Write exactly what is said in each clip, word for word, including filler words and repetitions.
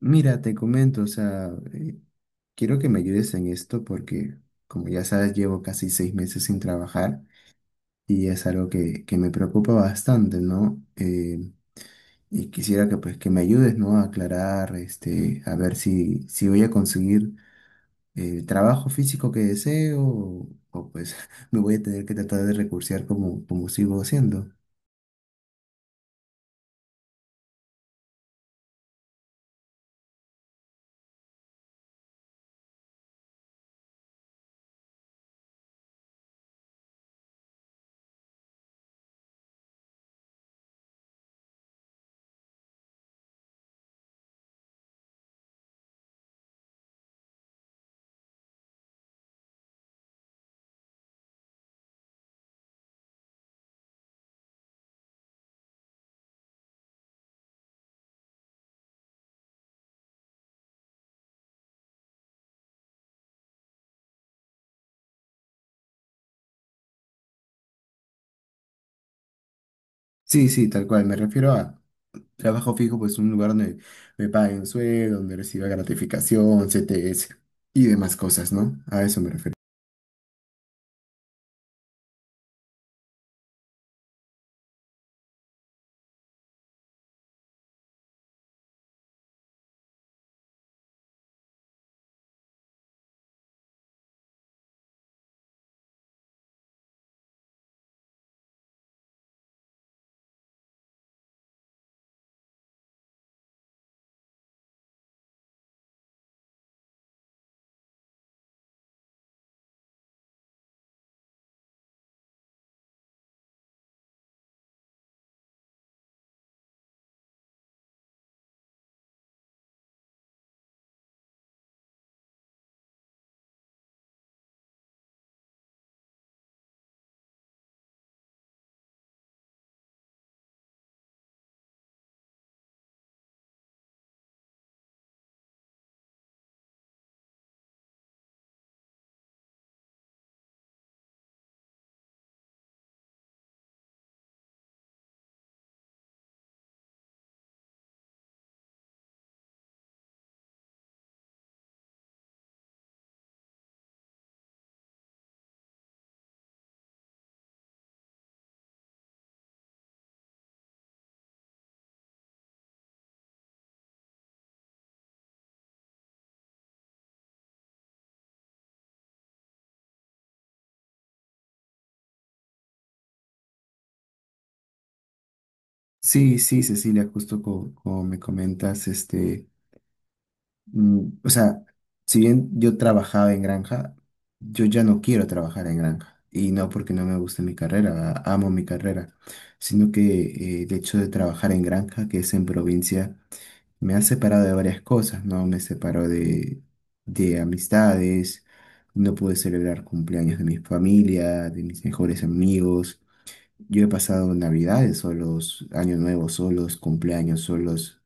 Mira, te comento, o sea, eh, quiero que me ayudes en esto porque, como ya sabes, llevo casi seis meses sin trabajar y es algo que, que me preocupa bastante, ¿no? Eh, y quisiera que, pues, que me ayudes, ¿no? A aclarar, este, a ver si, si voy a conseguir el trabajo físico que deseo o, o, pues me voy a tener que tratar de recursear como, como sigo haciendo. Sí, sí, tal cual, me refiero a... Trabajo fijo, pues un lugar donde me paguen sueldo, donde reciba gratificación, C T S y demás cosas, ¿no? A eso me refiero. Sí, sí, Cecilia, justo co- como me comentas, este, mm, o sea, si bien yo trabajaba en granja, yo ya no quiero trabajar en granja. Y no porque no me guste mi carrera, a- amo mi carrera, sino que eh, el hecho de trabajar en granja, que es en provincia, me ha separado de varias cosas, ¿no? Me separó de, de amistades, no pude celebrar cumpleaños de mi familia, de mis mejores amigos. Yo he pasado navidades solos, años nuevos solos, cumpleaños solos.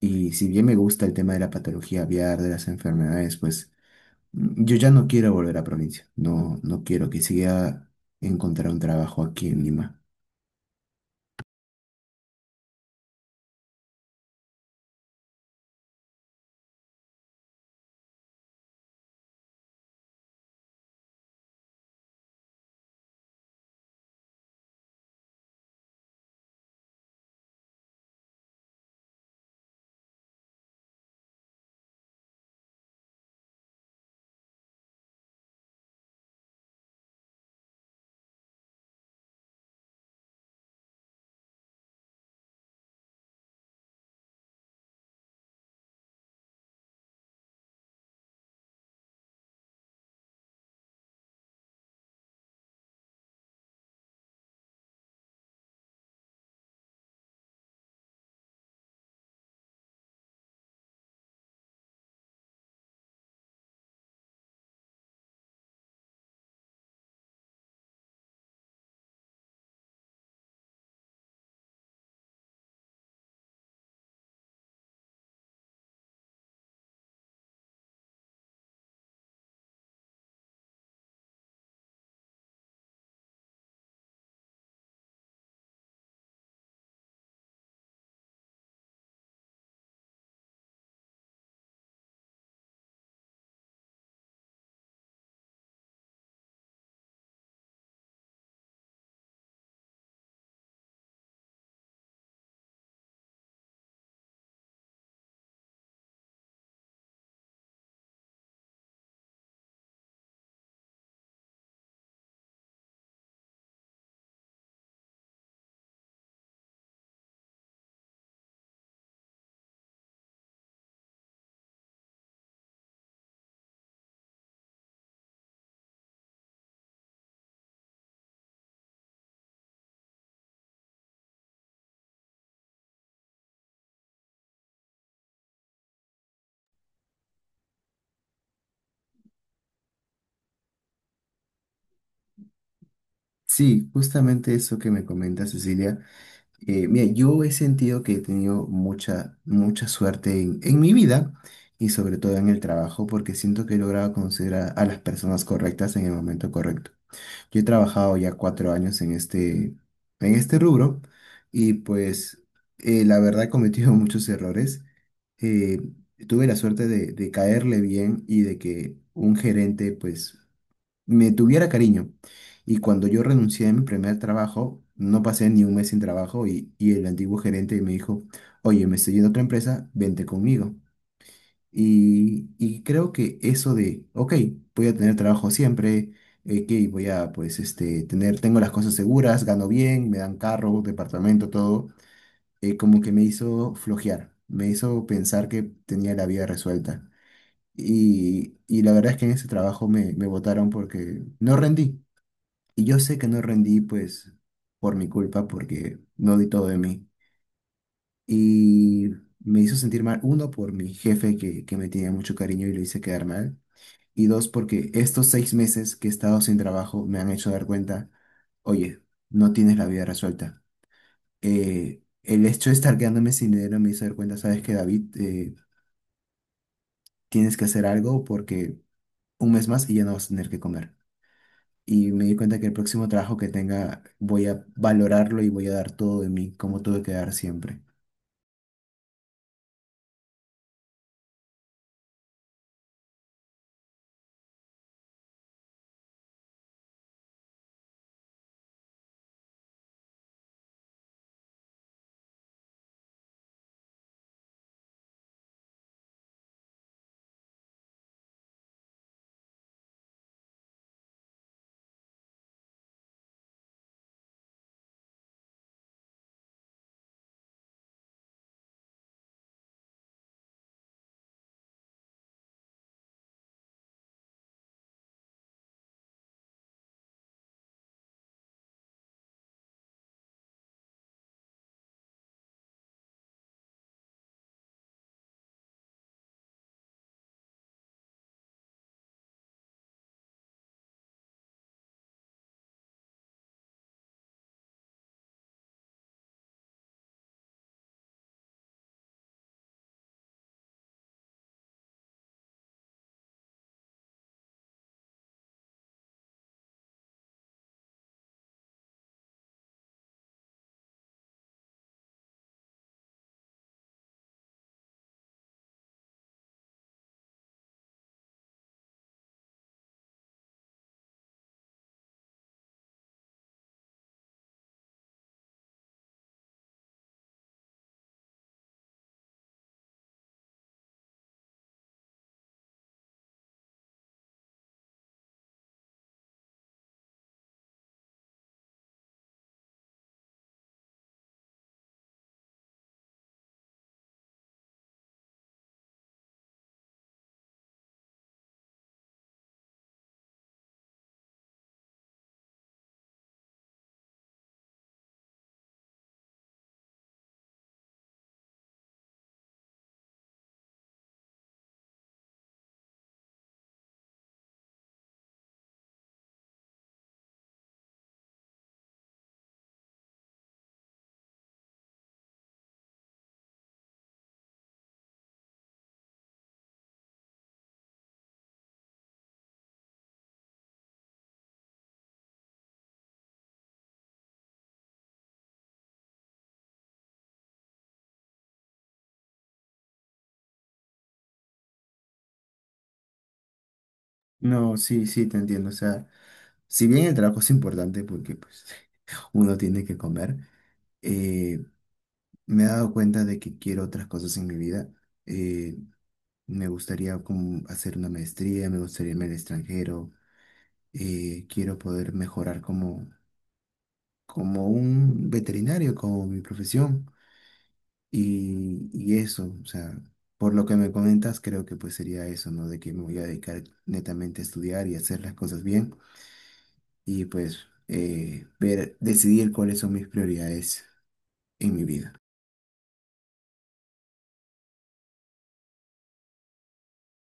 Y si bien me gusta el tema de la patología aviar, de las enfermedades, pues mm, yo ya no quiero volver a provincia. No, no quiero que siga encontrar un trabajo aquí en Lima. Sí, justamente eso que me comenta Cecilia. Eh, mira, yo he sentido que he tenido mucha, mucha suerte en, en mi vida y sobre todo en el trabajo porque siento que he logrado conocer a, a las personas correctas en el momento correcto. Yo he trabajado ya cuatro años en este, en este rubro y pues eh, la verdad he cometido muchos errores. Eh, tuve la suerte de, de caerle bien y de que un gerente pues me tuviera cariño. Y cuando yo renuncié a mi primer trabajo, no pasé ni un mes sin trabajo y, y el antiguo gerente me dijo, oye, me estoy yendo a otra empresa, vente conmigo. Y, y creo que eso de, ok, voy a tener trabajo siempre, eh, que voy a, pues, este, tener, tengo las cosas seguras, gano bien, me dan carro, departamento, todo, eh, como que me hizo flojear, me hizo pensar que tenía la vida resuelta. Y, y la verdad es que en ese trabajo me, me botaron porque no rendí. Y yo sé que no rendí, pues, por mi culpa, porque no di todo de mí. Y me hizo sentir mal, uno, por mi jefe que, que me tenía mucho cariño y lo hice quedar mal. Y dos, porque estos seis meses que he estado sin trabajo me han hecho dar cuenta, oye, no tienes la vida resuelta. Eh, el hecho de estar quedándome sin dinero me hizo dar cuenta, sabes que David, Eh, tienes que hacer algo porque un mes más y ya no vas a tener que comer. Y me di cuenta que el próximo trabajo que tenga voy a valorarlo y voy a dar todo de mí, como tuve que dar siempre. No, sí, sí, te entiendo. O sea, si bien el trabajo es importante porque pues uno tiene que comer, eh, me he dado cuenta de que quiero otras cosas en mi vida. Eh, me gustaría como hacer una maestría, me gustaría irme al extranjero. Eh, quiero poder mejorar como, como un veterinario, como mi profesión. Y, y eso, o sea, por lo que me comentas, creo que pues sería eso, ¿no? De que me voy a dedicar netamente a estudiar y hacer las cosas bien y pues eh, ver, decidir cuáles son mis prioridades en mi vida.